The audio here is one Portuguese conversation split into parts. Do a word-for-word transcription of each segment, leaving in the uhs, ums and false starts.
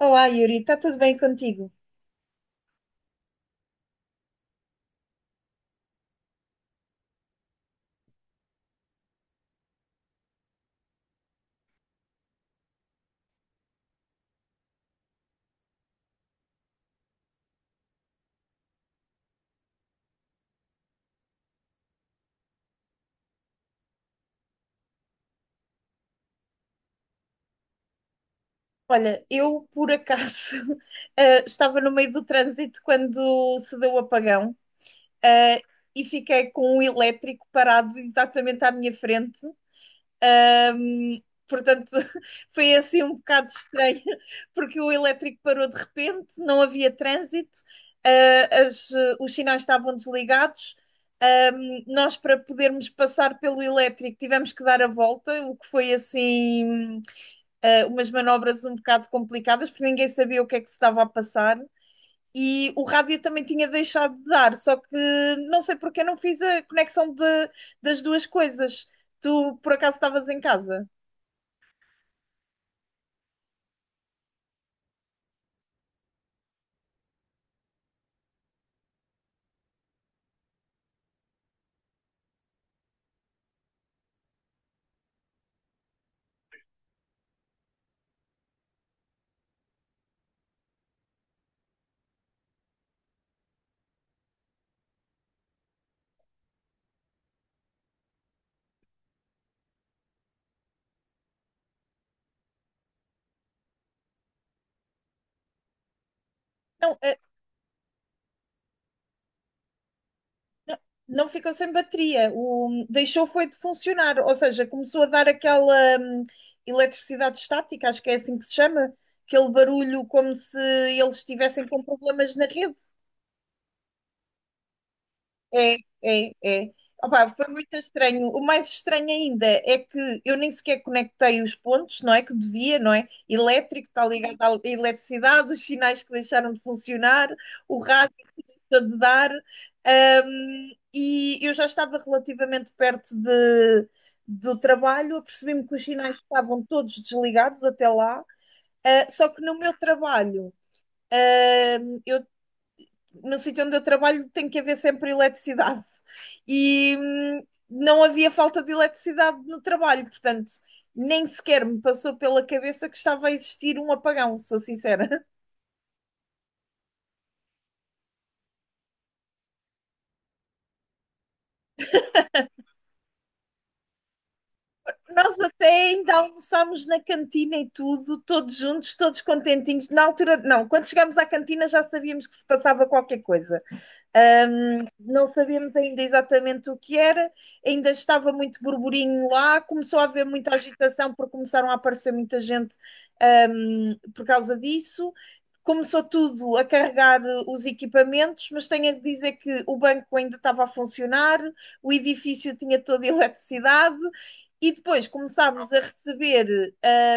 Olá, Yuri, está tudo bem contigo? Olha, eu por acaso eh, estava no meio do trânsito quando se deu o apagão, eh, e fiquei com um elétrico parado exatamente à minha frente. Ahm, Portanto, foi assim um bocado estranho, porque o elétrico parou de repente, não havia trânsito, ah, as- ah, os sinais estavam desligados. Ahm, nós, para podermos passar pelo elétrico, tivemos que dar a volta, o que foi assim, ah, umas manobras um bocado complicadas, porque ninguém sabia o que é que se estava a passar e o rádio também tinha deixado de dar, só que não sei porque eu não fiz a conexão de- das duas coisas. Tu por acaso estavas em casa? Não, eh, não, não ficou sem bateria. O, deixou foi de funcionar, ou seja, começou a dar aquela hum, eletricidade estática, acho que é assim que se chama, aquele barulho como se eles estivessem com problemas na rede. É, é, é. Opa, foi muito estranho. O mais estranho ainda é que eu nem sequer conectei os pontos, não é? Que devia, não é? Elétrico, está ligado à eletricidade, os sinais que deixaram de funcionar, o rádio está de dar. Hum, e eu já estava relativamente perto de, do trabalho, apercebi-me que os sinais estavam todos desligados até lá, ah, só que no meu trabalho. hum, eu no sítio onde eu trabalho tem que haver sempre eletricidade. E hum, não havia falta de eletricidade no trabalho, portanto, nem sequer me passou pela cabeça que estava a existir um apagão, sou sincera. Nós até ainda almoçámos na cantina e tudo, todos juntos, todos contentinhos. Na altura, não, quando chegámos à cantina já sabíamos que se passava qualquer coisa. Ah, Portanto, não sabemos ainda exatamente o que era, ainda estava muito burburinho lá, começou a haver muita agitação porque começaram a aparecer muita gente um, por causa disso. Começou tudo a carregar os equipamentos, mas tenho a dizer que o banco ainda estava a funcionar, o edifício tinha toda a eletricidade e depois começámos a receber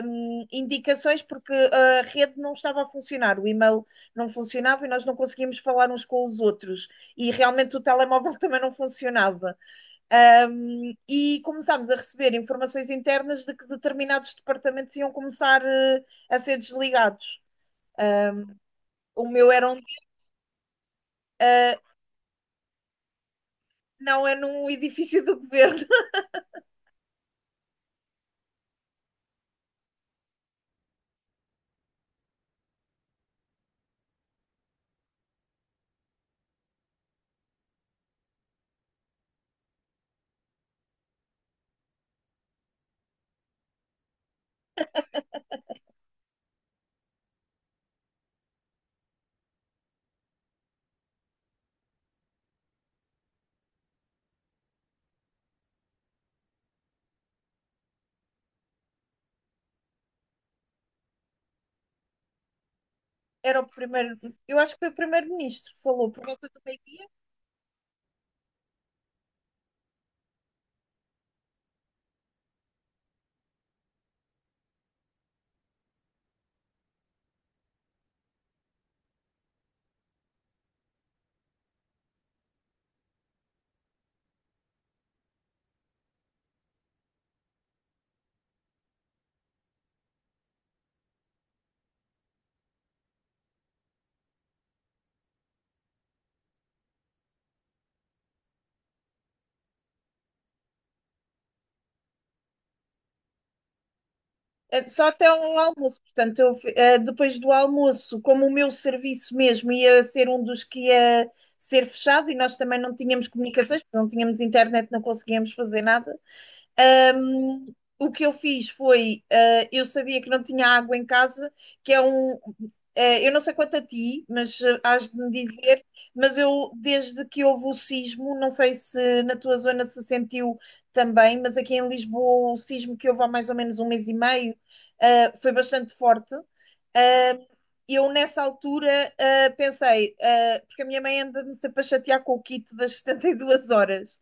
hum, indicações porque a rede não estava a funcionar, o e-mail não funcionava e nós não conseguíamos falar uns com os outros e realmente o telemóvel também não funcionava. Um, e começámos a receber informações internas de que determinados departamentos iam começar uh, a ser desligados. Um, o meu era um. Uh, não, é num edifício do governo. Era o primeiro. Eu acho que foi o primeiro-ministro que falou por volta do meio-dia. É, só até o almoço. Portanto, eu, uh, depois do almoço, como o meu serviço mesmo ia ser um dos que ia ser fechado e nós também não tínhamos comunicações, porque não tínhamos internet, não conseguíamos fazer nada. Um, o que eu fiz foi, uh, eu sabia que não tinha água em casa, que é um, eh, eu não sei quanto a ti, mas eh, hás de me dizer, mas eu, desde que houve o sismo, não sei se na tua zona se sentiu também, mas aqui em Lisboa o sismo que houve há mais ou menos um mês e meio, eh, foi bastante forte. Eh, eu nessa altura eh, pensei, eh, porque a minha mãe anda-me sempre a chatear com o kit das setenta e duas horas.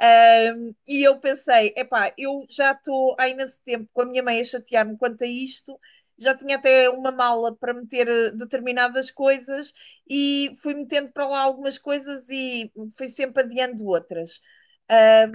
Ah, e eu pensei, epá, eu já estou há imenso tempo com a minha mãe a chatear-me quanto a isto, já tinha até uma mala para meter eh, determinadas coisas e fui metendo para lá algumas coisas e fui sempre adiando outras. Ah,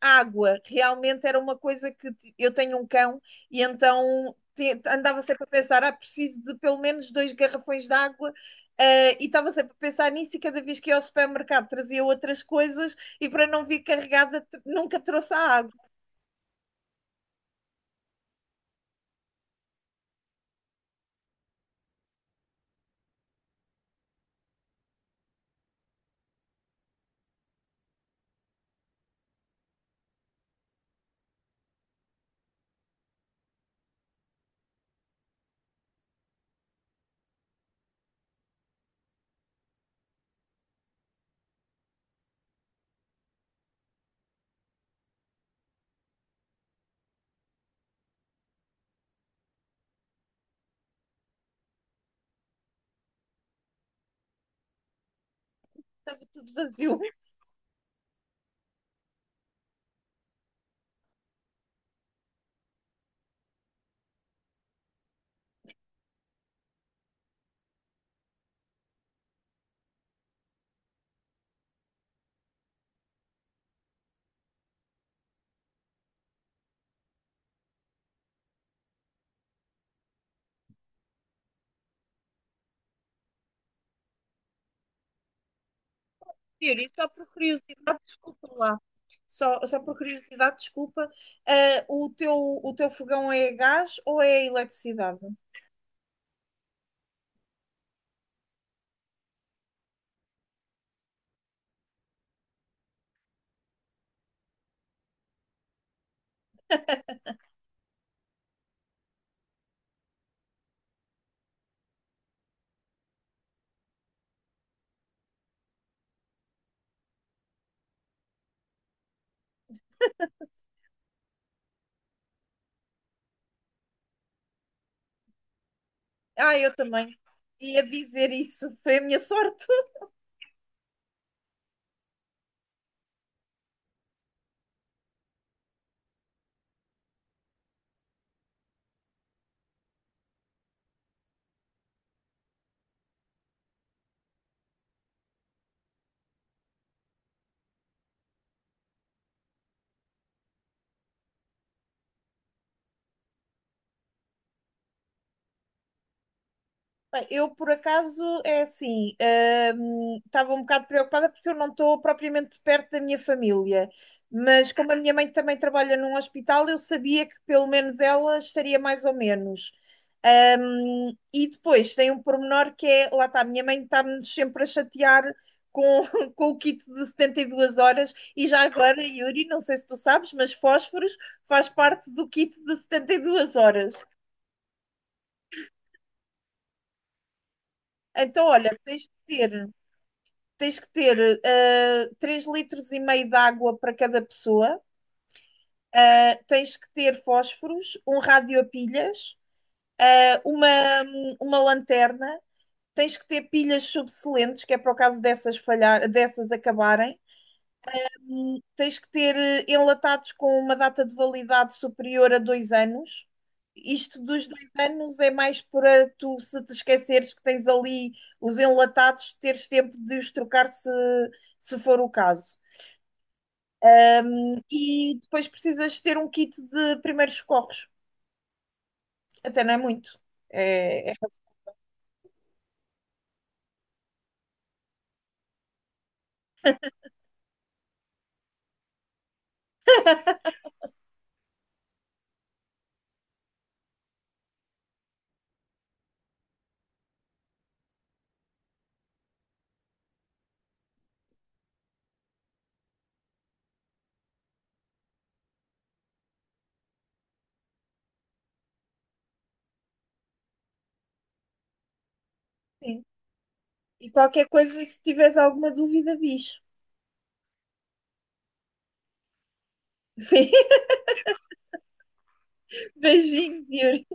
Água. Realmente era uma coisa que ti- eu tenho um cão e então te- andava sempre a pensar, ah, preciso de pelo menos dois garrafões de água. Eh, e estava sempre a pensar nisso e cada vez que ia ao supermercado trazia outras coisas e para não vir carregada t- nunca trouxe a água, estava tudo vazio. Yuri, e só por curiosidade, desculpa lá, só, só por curiosidade, desculpa, eh, o teu, o teu fogão é a gás ou é a eletricidade? Ah, eu também. Ia dizer isso. Foi a minha sorte. Bem, eu, por acaso, é assim, hum, estava um bocado preocupada porque eu não estou propriamente perto da minha família, mas como a minha mãe também trabalha num hospital, eu sabia que pelo menos ela estaria mais ou menos. Hum, e depois tem um pormenor que é, lá está, a minha mãe está-me sempre a chatear com, com o kit de setenta e duas horas, e já agora, Yuri, não sei se tu sabes, mas fósforos faz parte do kit de setenta e duas horas. Então, olha, tens de ter. Tens que ter ah, três litros e meio de água para cada pessoa, ah, tens que ter fósforos, um rádio a pilhas, ah, uma, uma lanterna, tens que ter pilhas subsolentes, que é para o caso dessas falhar, dessas acabarem. Hum, tens que ter eh, enlatados com uma data de validade superior a dois anos. Isto dos dois anos é mais para tu, se te esqueceres que tens ali os enlatados, teres tempo de os trocar se, se for o caso. E depois precisas ter um kit de primeiros socorros. Até não é muito. É, é assim. E qualquer coisa, se tiveres alguma dúvida, diz. Sim, beijinhos, Yuri.